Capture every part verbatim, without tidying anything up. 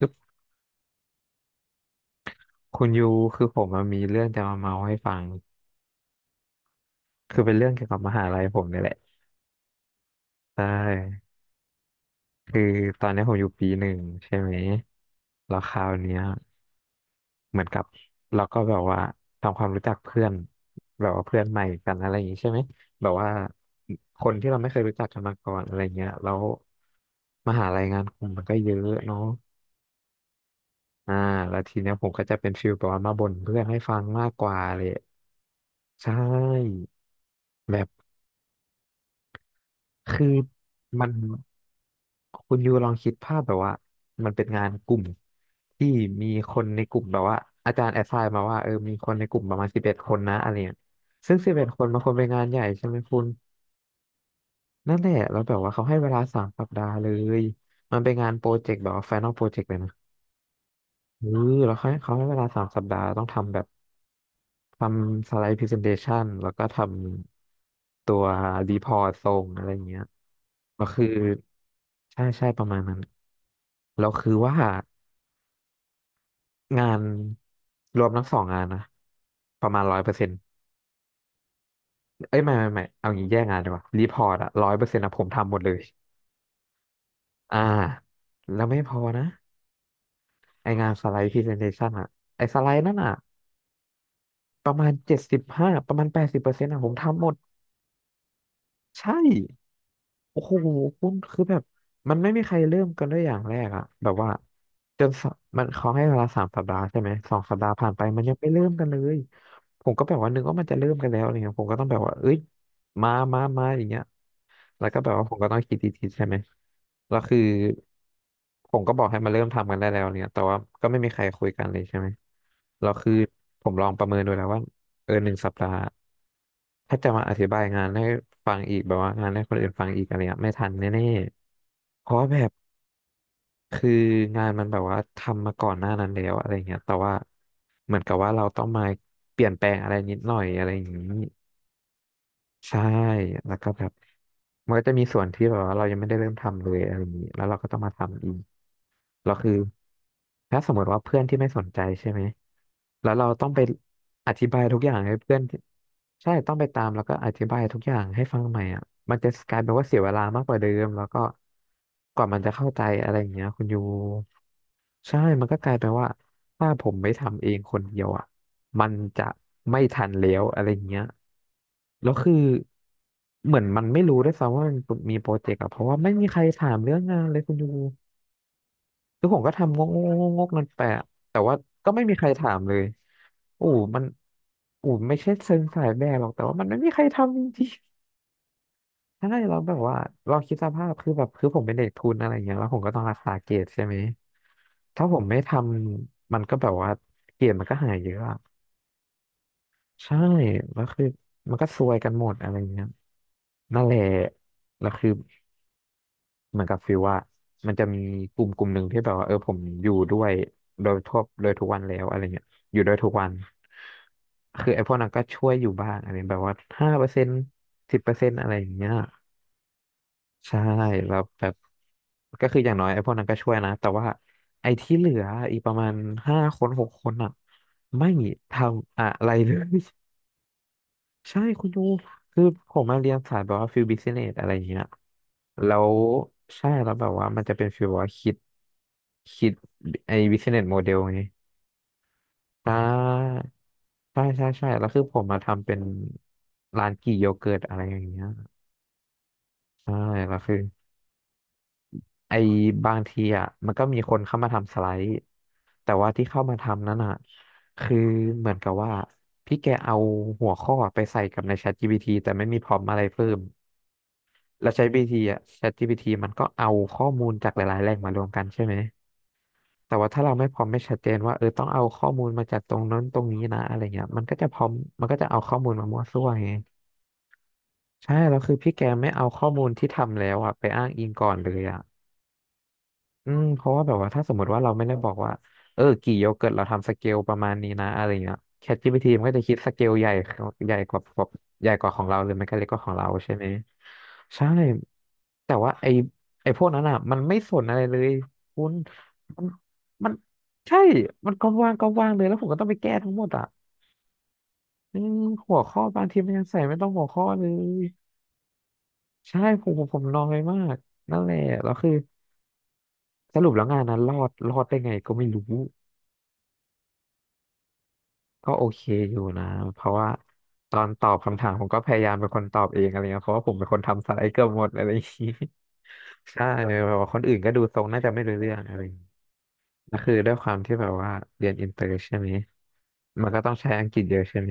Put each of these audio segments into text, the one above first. คือคุณยูคือผมอะมีเรื่องจะมาเมาให้ฟังคือเป็นเรื่องเกี่ยวกับมหาลัยผมเนี่ยแหละใช่คือตอนนี้ผมอยู่ปีหนึ่งใช่ไหมแล้วคราวเนี้ยเหมือนกับเราก็แบบว่าทำความรู้จักเพื่อนแบบว่าเพื่อนใหม่กันอะไรอย่างงี้ใช่ไหมแบบว่าคนที่เราไม่เคยรู้จักกันมาก่อนอะไรเงี้ยแล้วมหาลัยงานกลุ่มมันก็เยอะเนาะอ่าแล้วทีเนี้ยผมก็จะเป็นฟิลแบบว่ามาบ่นเพื่อนให้ฟังมากกว่าเลยใช่ คือมันคุณยูลองคิดภาพแบบว่ามันเป็นงานกลุ่มที่มีคนในกลุ่มแบบว่าอาจารย์แอสไซน์มาว่าเออมีคนในกลุ่มประมาณสิบเอ็ดคนนะอะไรเงี้ยซึ่งสิบเอ็ดคนมันควรเป็นงานใหญ่ใช่ไหมคุณนั่นแหละแล้วแบบว่าเขาให้เวลาสามสัปดาห์เลยมันเป็นงานโปรเจกต์แบบว่าไฟนอลโปรเจกต์เลยนะเออแล้วเขาให้เขาให้เวลาสามสัปดาห์ต้องทำแบบทำสไลด์พรีเซนเทชันแล้วก็ทำตัวรีพอร์ตส่งอะไรเงี้ย ก็คือใช่ใช่ประมาณนั้นแล้วคือว่างานรวมทั้งสองงานนะประมาณร้อยเปอร์เซ็นต์เอ้ยไม่ไม่ไม่เอางี้แยกงานดีกว่ารีพอร์ตอะร้อยเปอร์เซ็นต์อะผมทำหมดเลยอ่าแล้วไม่พอนะไองานสไลด์พรีเซนเทชันอะไอสไลด์นั่นอะประมาณเจ็ดสิบห้าประมาณแปดสิบเปอร์เซ็นต์อะผมทำหมดใช่ โอ้โหคุณคือแบบมันไม่มีใครเริ่มกันด้วยอย่างแรกอะแบบว่าจนสมันเขาให้เวลาสามสัปดาห์ใช่ไหมสองสัปดาห์ผ่านไปมันยังไม่เริ่มกันเลยผมก็แบบว่านึกว่ามันจะเริ่มกันแล้วอะไรเงี้ยผมก็ต้องแบบว่าเอ้ยมามามาอย่างเงี้ยแล้วก็แบบว่าผมก็ต้องคิดดีๆใช่ไหมแล้วคือผมก็บอกให้มาเริ่มทำกันได้แล้วเนี่ยแต่ว่าก็ไม่มีใครคุยกันเลยใช่ไหมเราคือผมลองประเมินดูแล้วว่า เออหนึ่งสัปดาห์ถ้าจะมาอธิบายงานให้ฟังอีกแบบว่างานให้คนอื่นฟังอีกอะไรเงี้ยไม่ทันแน่ๆเพราะแบบคืองานมันแบบว่าทำมาก่อนหน้านั้นแล้วอะไรเงี้ยแต่ว่าเหมือนกับว่าเราต้องมาเปลี่ยนแปลงอะไรนิดหน่อยอะไรอย่างนี้ใช่แล้วก็แบบมันก็จะมีส่วนที่แบบว่าเรายังไม่ได้เริ่มทำเลยอะไรอย่างนี้แล้วเราก็ต้องมาทำอีก เราคือถ้าสมมติว่าเพื่อนที่ไม่สนใจใช่ไหมแล้วเราต้องไปอธิบายทุกอย่างให้เพื่อนที่ใช่ต้องไปตามแล้วก็อธิบายทุกอย่างให้ฟังใหม่อ่ะมันจะกลายเป็นว่าเสียเวลามากกว่าเดิมแล้วก็กว่ามันจะเข้าใจอะไรอย่างเงี้ยคุณยูใช่มันก็กลายเป็นว่าถ้าผมไม่ทำเองคนเดียวอ่ะมันจะไม่ทันแล้วอะไรอย่างเงี้ยแล้วคือเหมือนมันไม่รู้ด้วยซ้ำว่ามันมีโปรเจกต์อะเพราะว่าไม่มีใครถามเรื่องงานเลยคุณยู คือผมก็ทำงกงกงกงกนนแปะแต่ว่าก็ไม่มีใครถามเลยอู๋มันอู๋ไม่ใช่เชิงสายแบกหรอกแต่ว่ามันไม่มีใครทำจริง ๆใช่เราแบบว่าเราคิดสภาพคือแบบคือผมเป็นเด็กทุนอะไรอย่างเงี้ยแล้วผมก็ต้องรักษาเกรดใช่ไหมถ้าผมไม่ทำมันก็แบบว่าเกรดมันก็หายเยอะอะใช่แล้วคือมันก็ซวยกันหมดอะไรเงี้ยนั่นแหละแล้วคือ เหมือนกับฟิลว่ามันจะมีกลุ่มกลุ่มหนึ่งที่แบบว่าเออผมอยู่ด้วยโดยทั่วโดยทุกวันแล้วอะไรเงี้ยอยู่ด้วยทุกวันคือไอ้พวกนั้นก็ช่วยอยู่บ้างอะไรแบบว่าห้าเปอร์เซ็นต์สิบเปอร์เซ็นต์อะไรอย่างเงี้ยใช่แล้วแบบก็คืออย่างน้อยไอ้พวกนั้นก็ช่วยนะแต่ว่าไอ้ที่เหลืออีกประมาณห้าคนหกคนอ่ะไม่ทำอะไรเลย ใช่คุณยูคือผมมาเรียนสายแบบว่าฟิลบิ n เนสอะไรอย่างเงี้ยแล้วใช่แล้วแบบว่ามันจะเป็นฟิลว่าคิดคิดไอ้บิสเนสโมเดลไงใช่ใช่ใช่ใช่แล้วคือผมมาทำเป็นร้านกี่โยเกิร์ตอะไรอย่างเงี้ยใช่แล้วคือไอ้บางทีอ่ะมันก็มีคนเข้ามาทำสไลด์แต่ว่าที่เข้ามาทำนั้นอ่ะคือเหมือนกับว่าพี่แกเอาหัวข้อไปใส่กับใน ChatGPT แต่ไม่มีพรอมอะไรเพิ่ม เราใช้ จี ที อ่ะ แชทจีพีที มันก็เอาข้อมูลจากหลายๆแหล่งมารวมกันใช่ไหม แต่ว่าถ้าเราไม่พร้อมไม่ชัดเจนว่าเออต้องเอาข้อมูลมาจากตรงนั้นตรงนี้นะอะไรเงี้ยมันก็จะพร้อมมันก็จะเอาข้อมูลมามั่วซั่วไงใช่แล้วคือพี่แกไม่เอาข้อมูลที่ทำแล้วอ่ะไปอ้างอิงก่อนเลยอ่ะ อืมเพราะว่าแบบว่าถ้าสมมติว่าเราไม่ได้บอกว่าเออกี่โยเกิร์ตเราทำสเกลประมาณนี้นะอะไรเงี้ย ChatGPT มันก็จะคิดสเกลใหญ่ใหญ่กว่าใหญ่กว่าของเราหรือไม่ก็เล็กกว่าของเราใช่ไหมใช่แต่ว่าไอไอพวกนั้นอ่ะมันไม่สนอะไรเลยคุณมันมันใช่มันก็ว่างก็ว่างเลยแล้วผมก็ต้องไปแก้ทั้งหมดอ่ะอืมหัวข้อบางทีมันยังใส่ไม่ต้องหัวข้อเลยใช่ผมผมผมนอยมากนั่นแหละแล้วคือสรุปแล้วงานนั้นรอดรอดได้ไงก็ไม่รู้ ก็โอเคอยู่นะเพราะว่าตอนตอบคำถามผมก็พยายามเป็นคนตอบเองอะไรเงี้ยเพราะว่าผมเป็นคนทำสไลด์เกือบหมดอะไรอย่างงี้ ใช่แบบว่าคนอื่นก็ดูทรงน่าจะไม่รู้เรื่องอะไรอย่างงี้ก็คือด้วยความที่แบบว่าเรียนอินเตอร์ใช่ไหมมันก็ต้องใช้อังกฤษเยอะใช่ไหม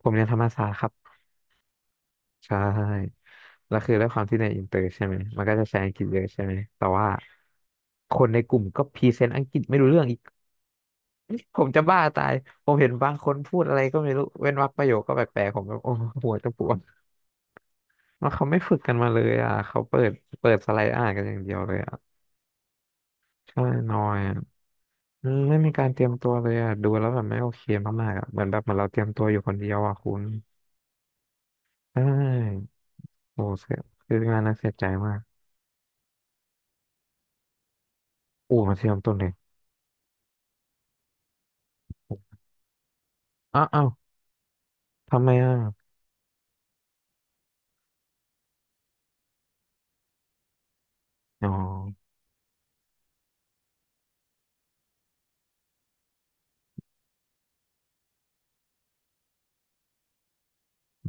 ผมเรียนธรรมศาสตร์ครับใช่แล้วคือด้วยความที่ในอินเตอร์ใช่ไหมมันก็จะใช้อังกฤษเยอะใช่ไหมแต่ว่าคนในกลุ่มก็พรีเซนต์อังกฤษไม่รู้เรื่องอีก ผมจะบ้าตายผมเห็นบางคนพูดอะไรก็ไม่รู้เว้นวรรคประโยคก็แปลกๆผมแบบโอ้โหหัวจะปวดแล้วเขาไม่ฝึกกันมาเลยอ่ะเขาเปิดเปิดสไลด์อ่านกันอย่างเดียวเลยอ่ะ ใช่น้อยอะอืมไม่มีการเตรียมตัวเลยอ่ะ ดูแล้วแบบไม่โอเคมากๆอ่ะเหมือนแบบเหมือนเราเตรียมตัวอยู่คนเดียวอ่ะคุณใช่โอ้เสียคืองานนั้นเสียใจมากอู้มาเทียมต้นเลยอ้าวอ้าวทำไมอ่ะอ๋อ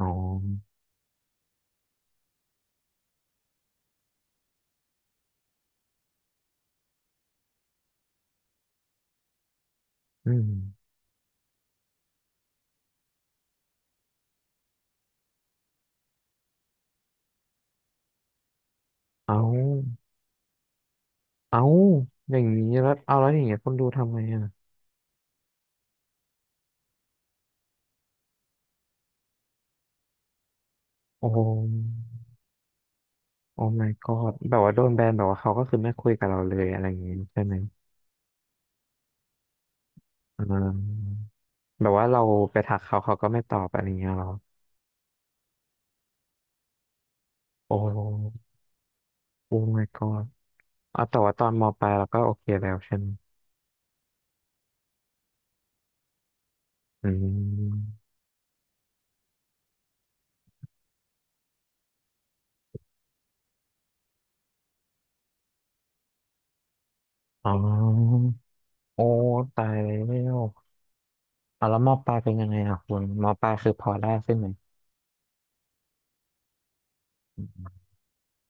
อ๋ออืมเอาเอาอย่างนี้แล้วเอาแล้วอย่างเงี้ยคนดูทำไงอ่ะโอ้โห โอ้ มาย ก็อด แบบว่าโดนแบนแบบว่าเขาก็คือไม่คุยกับเราเลยอะไรอย่างงี้ใช่ไหมอ่าแบบว่าเราไปทักเขาเขาก็ไม่ตอบอะไรเงี้ยเหรอโอ้โอ้ my god อ่ะแต่ว่าตอนมปลายเราก็โอเคแล้วใช่ไหมอืมอ๋อโอ้ตายแล้วอ่ะแล้วมปลายเป็นยังไงอ่ะคุณมปลายคือพอได้ใช่ไหม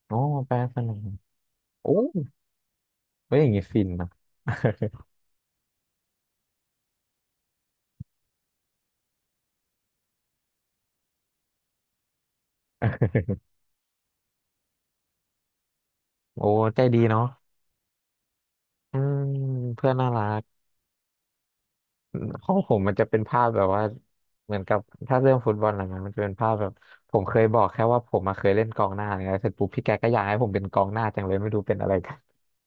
โอ้มปลายสนุกโอ้เฮ้ยอย่างงี้ฟินนะ โอ้ใจดีเนาะอืมเพื่อนน่ารัก ห้องผมมันจะเป็นภาพแบบว่าเหมือนกับถ้าเรื่องฟุตบอลอะไรเงี้ยมันจะเป็นภาพแบบผมเคยบอกแค่ว่าผมมาเคยเล่นกองหน้าเนี่ย้เสร็จปุ๊บพี่แกก็อยากให้ผมเป็นกองหน้าจังเลยไม่รู้เป็นอะไรกัน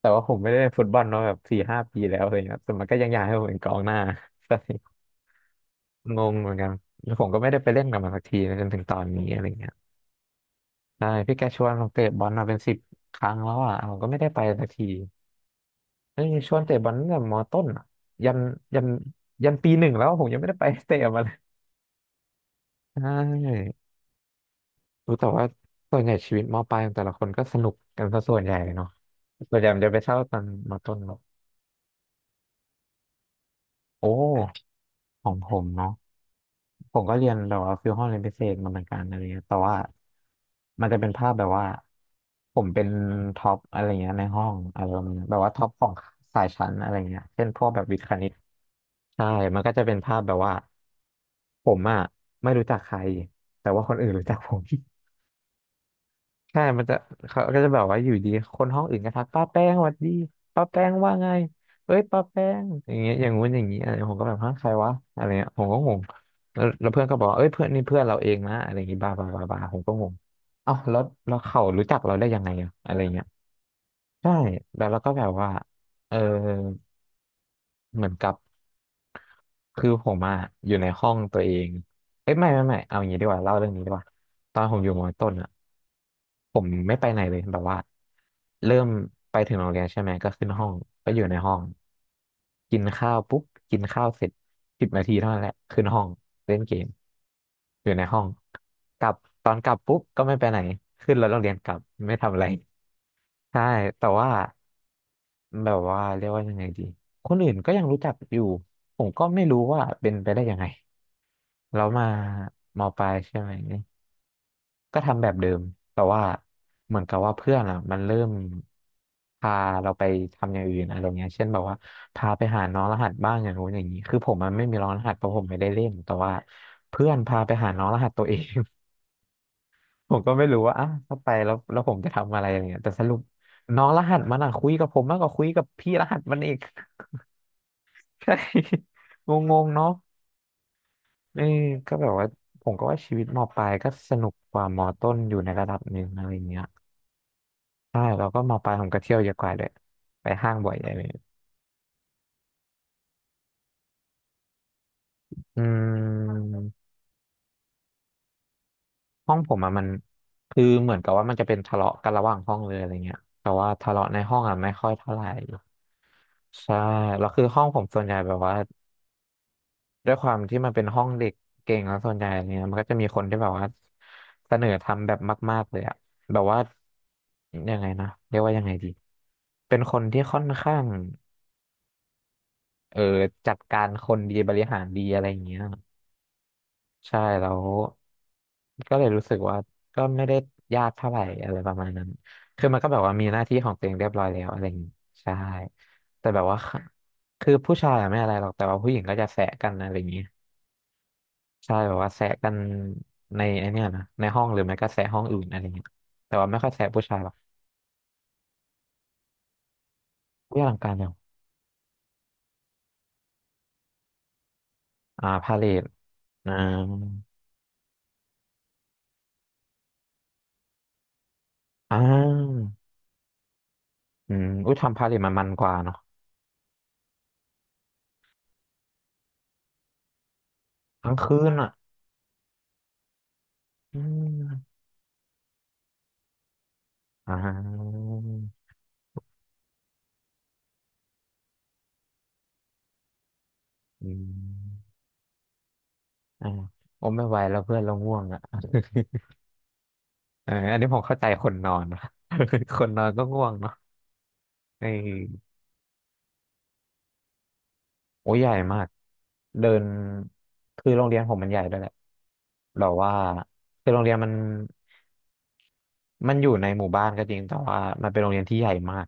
แต่ว่าผมไม่ได้เล่นฟุตบอลมาแบบสี่ห้าปีแล้วอะไรเงี้ยแต่มันก็ยังอยากให้ผมเป็นกองหน้า ใช่งงเหมือนกันแล้วผมก็ไม่ได้ไปเล่นกับมันสักทีนะจนถึงตอนนี้อะไรเงี้ยใช่พี่แกชวนผมเตะบอลมาเป็นสิบครั้งแล้วอ่ะผมก็ไม่ได้ไปสักทีเอ้ยชวนเตะบอลตั้งแต่มต้นอะยันยันยันปีหนึ่งแล้วผมยังไม่ได้ไป เตะมาเลย ใช่รู้แต่ว่าส่วนใหญ่ชีวิตมปลายของแต่ละคนก็สนุกกันซะส่วนใหญ่เนาะส่วนใหญ่มันจะไปเศ่าตอนมต้นหรอกโอ้ของผมเนาะผมก็เรียนแบบว่าฟิลห้องเรียนพิเศษมาเหมือนกันอะไรเงี้ยแต่ว่ามันจะเป็นภาพแบบว่าผมเป็นท็อปอะไรเงี้ยในห้องอารมณ์แบบว่าท็อปของสายชั้นอะไรเงี้ยเช่นพวกแบบวิทย์คณิตใช่มันก็จะเป็นภาพแบบว่าผมอ่ะไม่รู้จักใครแต่ว่าคนอื่นรู้จักผม ใช่มันจะเขาก็จะแบบว่าอยู่ดีคนห้องอื่นก็ทักป้าแป้งสวัสดีป้าแป้งว่าไงเอ้ยป้าแป้งอย่างเงี้ยอย่างงู้นอย่างงี้อะไรผมก็แบบฮะใครวะอะไรเงี้ยผมก็งงแล้วแล้วเพื่อนก็บอกว่าเอ้ยเพื่อนนี่เพื่อนเราเองนะอะไรอย่างงี้บ้าบ้าบ้าบ้าผมก็งงเอ้าแล้วแล้วเขารู้จักเราได้ยังไงอะอะไรเงี้ยใช่แล้วเราก็แบบว่าเออเหมือนกับ คือผมอะอยู่ในห้องตัวเองเอ้ยไม่ไม่ไม่เอาอย่างนี้ดีกว่าเล่าเรื่องนี้ดีกว่าตอนผมอยู่มอต้นอะผมไม่ไปไหนเลยแบบว่าเริ่มไปถึงโรงเรียนใช่ไหมก็ขึ้นห้องก็อยู่ในห้องกินข้าวปุ๊บกินข้าวเสร็จสิบนาทีเท่านั้นแหละขึ้นห้องเล่นเกมอยู่ในห้องกลับตอนกลับปุ๊บก็ไม่ไปไหนขึ้นรถโรงเรียนกลับไม่ทำอะไรใช่แต่ว่าแบบว่าเรียกว่ายังไงดี คนอื่นก็ยังรู้จักอยู่ผมก็ไม่รู้ว่าเป็นไปได้ยังไงแล้วมามปลายใช่ไหมก็ทำแบบเดิมแต่ว่าเหมือนกับว่าเพื่อนอ่ะมันเริ่มพาเราไปทำอย่างอื่นอะไรเงี้ยเช่นแบบว่าพาไปหาน้องรหัสบ้างอย่างนู้นอย่างนี้คือผมมันไม่มีน้องรหัสเพราะผมไม่ได้เล่นแต่ว่าเพื่อนพาไปหาน้องรหัสตัวเอง ผมก็ไม่รู้ว่าอ่ะถ้าไปแล้วแล้วผมจะทำอะไรอะไรเงี้ยแต่สรุปน้องรหัสมันอ่ะคุยกับผมมากกว่าคุยกับพี่รหัสมันอีก ใช่งงๆเนาะ เออก็แบบว่าผมก็ว่าชีวิตมปลายก็สนุกกว่ามต้นอยู่ในระดับหนึ่งอะไรอย่างเงี้ยใช่แล้วก็มปลายผมก็เที่ยวเยอะกว่าเลยไปห้างบ่อยอะไรอย่างเงี้ยอืมห้องผมอะมันคือเหมือนกับว่ามันจะเป็นทะเลาะกันระหว่างห้องเลยอะไรเงี้ยแต่ว่าทะเลาะในห้องอะไม่ค่อยเท่าไหร่ใช่แล้วคือห้องผมส่วนใหญ่แบบว่า ด้วยความที่มันเป็นห้องเด็กเก่งแล้วส่วนใหญ่เนี่ยมันก็จะมีคนที่แบบว่าเสนอทำแบบมากๆเลยอะแบบว่ายังไงนะเรียกว่ายังไงดีเป็นคนที่ค่อนข้างเออจัดการคนดีบริหารดีอะไรอย่างเงี้ยใช่แล้วก็เลยรู้สึกว่าก็ไม่ได้ยากเท่าไหร่อะไรประมาณนั้นคือมันก็แบบว่ามีหน้าที่ของตัวเองเรียบร้อยแล้วอะไรอย่างงี้ใช่แต่แบบว่าคะคือผู้ชายอะไม่อะไรหรอกแต่ว่าผู้หญิงก็จะแสะกันอะไรอย่างงี้ ใช่แบบว่าแซะกันในไอเนี่ยนะในห้องหรือไม่ก็แซะห้องอื่นอะไรเงี้ยแต่ว่าไม่ค่อยแซะผู้ชายหรอกอุ้ยอลังการจังอ่าพาเลทอ่าอ่าอืมอุ้ยทำพาเลทมันมันกว่าเนาะทั้งคืนอ่ะอืมอ่าอืมอ่าผมไม่ไหวแล้วเพื่อนเราง่วงอ่ะ เอออันนี้ผมเข้าใจคนนอนนะ คนนอนก็ง่วงเนาะเออ โอ้ยใหญ่มากเดินคือโรงเรียนผมมันใหญ่ด้วยแหละแบบว่าคือโรงเรียนมันมันอยู่ในหมู่บ้านก็จริงแต่ว่ามันเป็นโรงเรียนที่ใหญ่มาก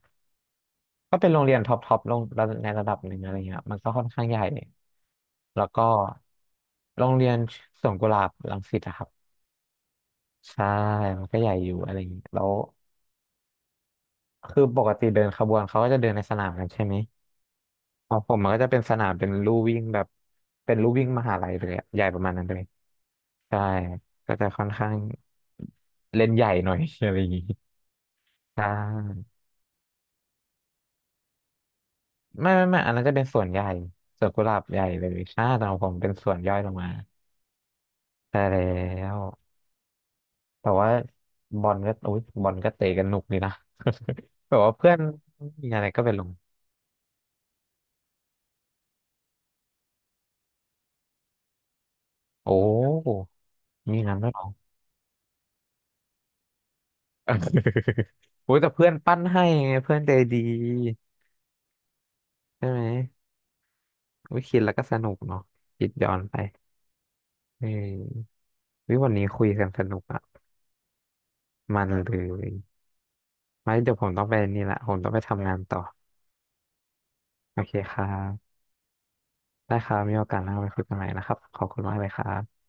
ก็เป็นโรงเรียนท็อปท็อปลงระดับในระดับหนึ่งอะไรเงี้ยมันก็ค่อนข้างใหญ่แล้วก็โรงเรียนสวนกุหลาบรังสิตอะครับใช่มันก็ใหญ่อยู่อะไรอย่างนี้แล้วคือปกติเดินขบวนเขาก็จะเดินในสนามกันใช่ไหมของผมมันก็จะเป็นสนามเป็นลู่วิ่งแบบเป็นลู่วิ่งมหาลัยเลยอะใหญ่ประมาณนั้นเลย ใช่ก็จะค่อนข้างเล่นใหญ่หน่อย อะไรอย่างงี้ใช่ไม่ไม่ไม่อันนั้นจะเป็นส่วนใหญ่ส่วนกุหลาบใหญ่เลยใช่แต่ของผมเป็นส่วนย่อยลงมาใช่แล้วแต่ว่าบอลก็อุ๊ยบอลก็เตะกันหนุกดีนะ แบบว่าเพื่อนมีอะไรก็ไปลงโอ้มีงั้นด้วยเหรอ โอ้ ยแต่เพื่อนปั้นให้ไงเพื่อนใจดีใช่ไหมอุ้ยคิดแล้วก็สนุกเนาะคิดย้อนไปเออวิวันนี้คุยกันสนุกอะ มันเลยไว้เดี๋ยวผมต้องไปนี่ละผมต้องไปทำงานต่อโอเคครับได้ครับมีโอกาสหน้าไปคุยกันใหม่นะครับขอบคุณมากเลยครับ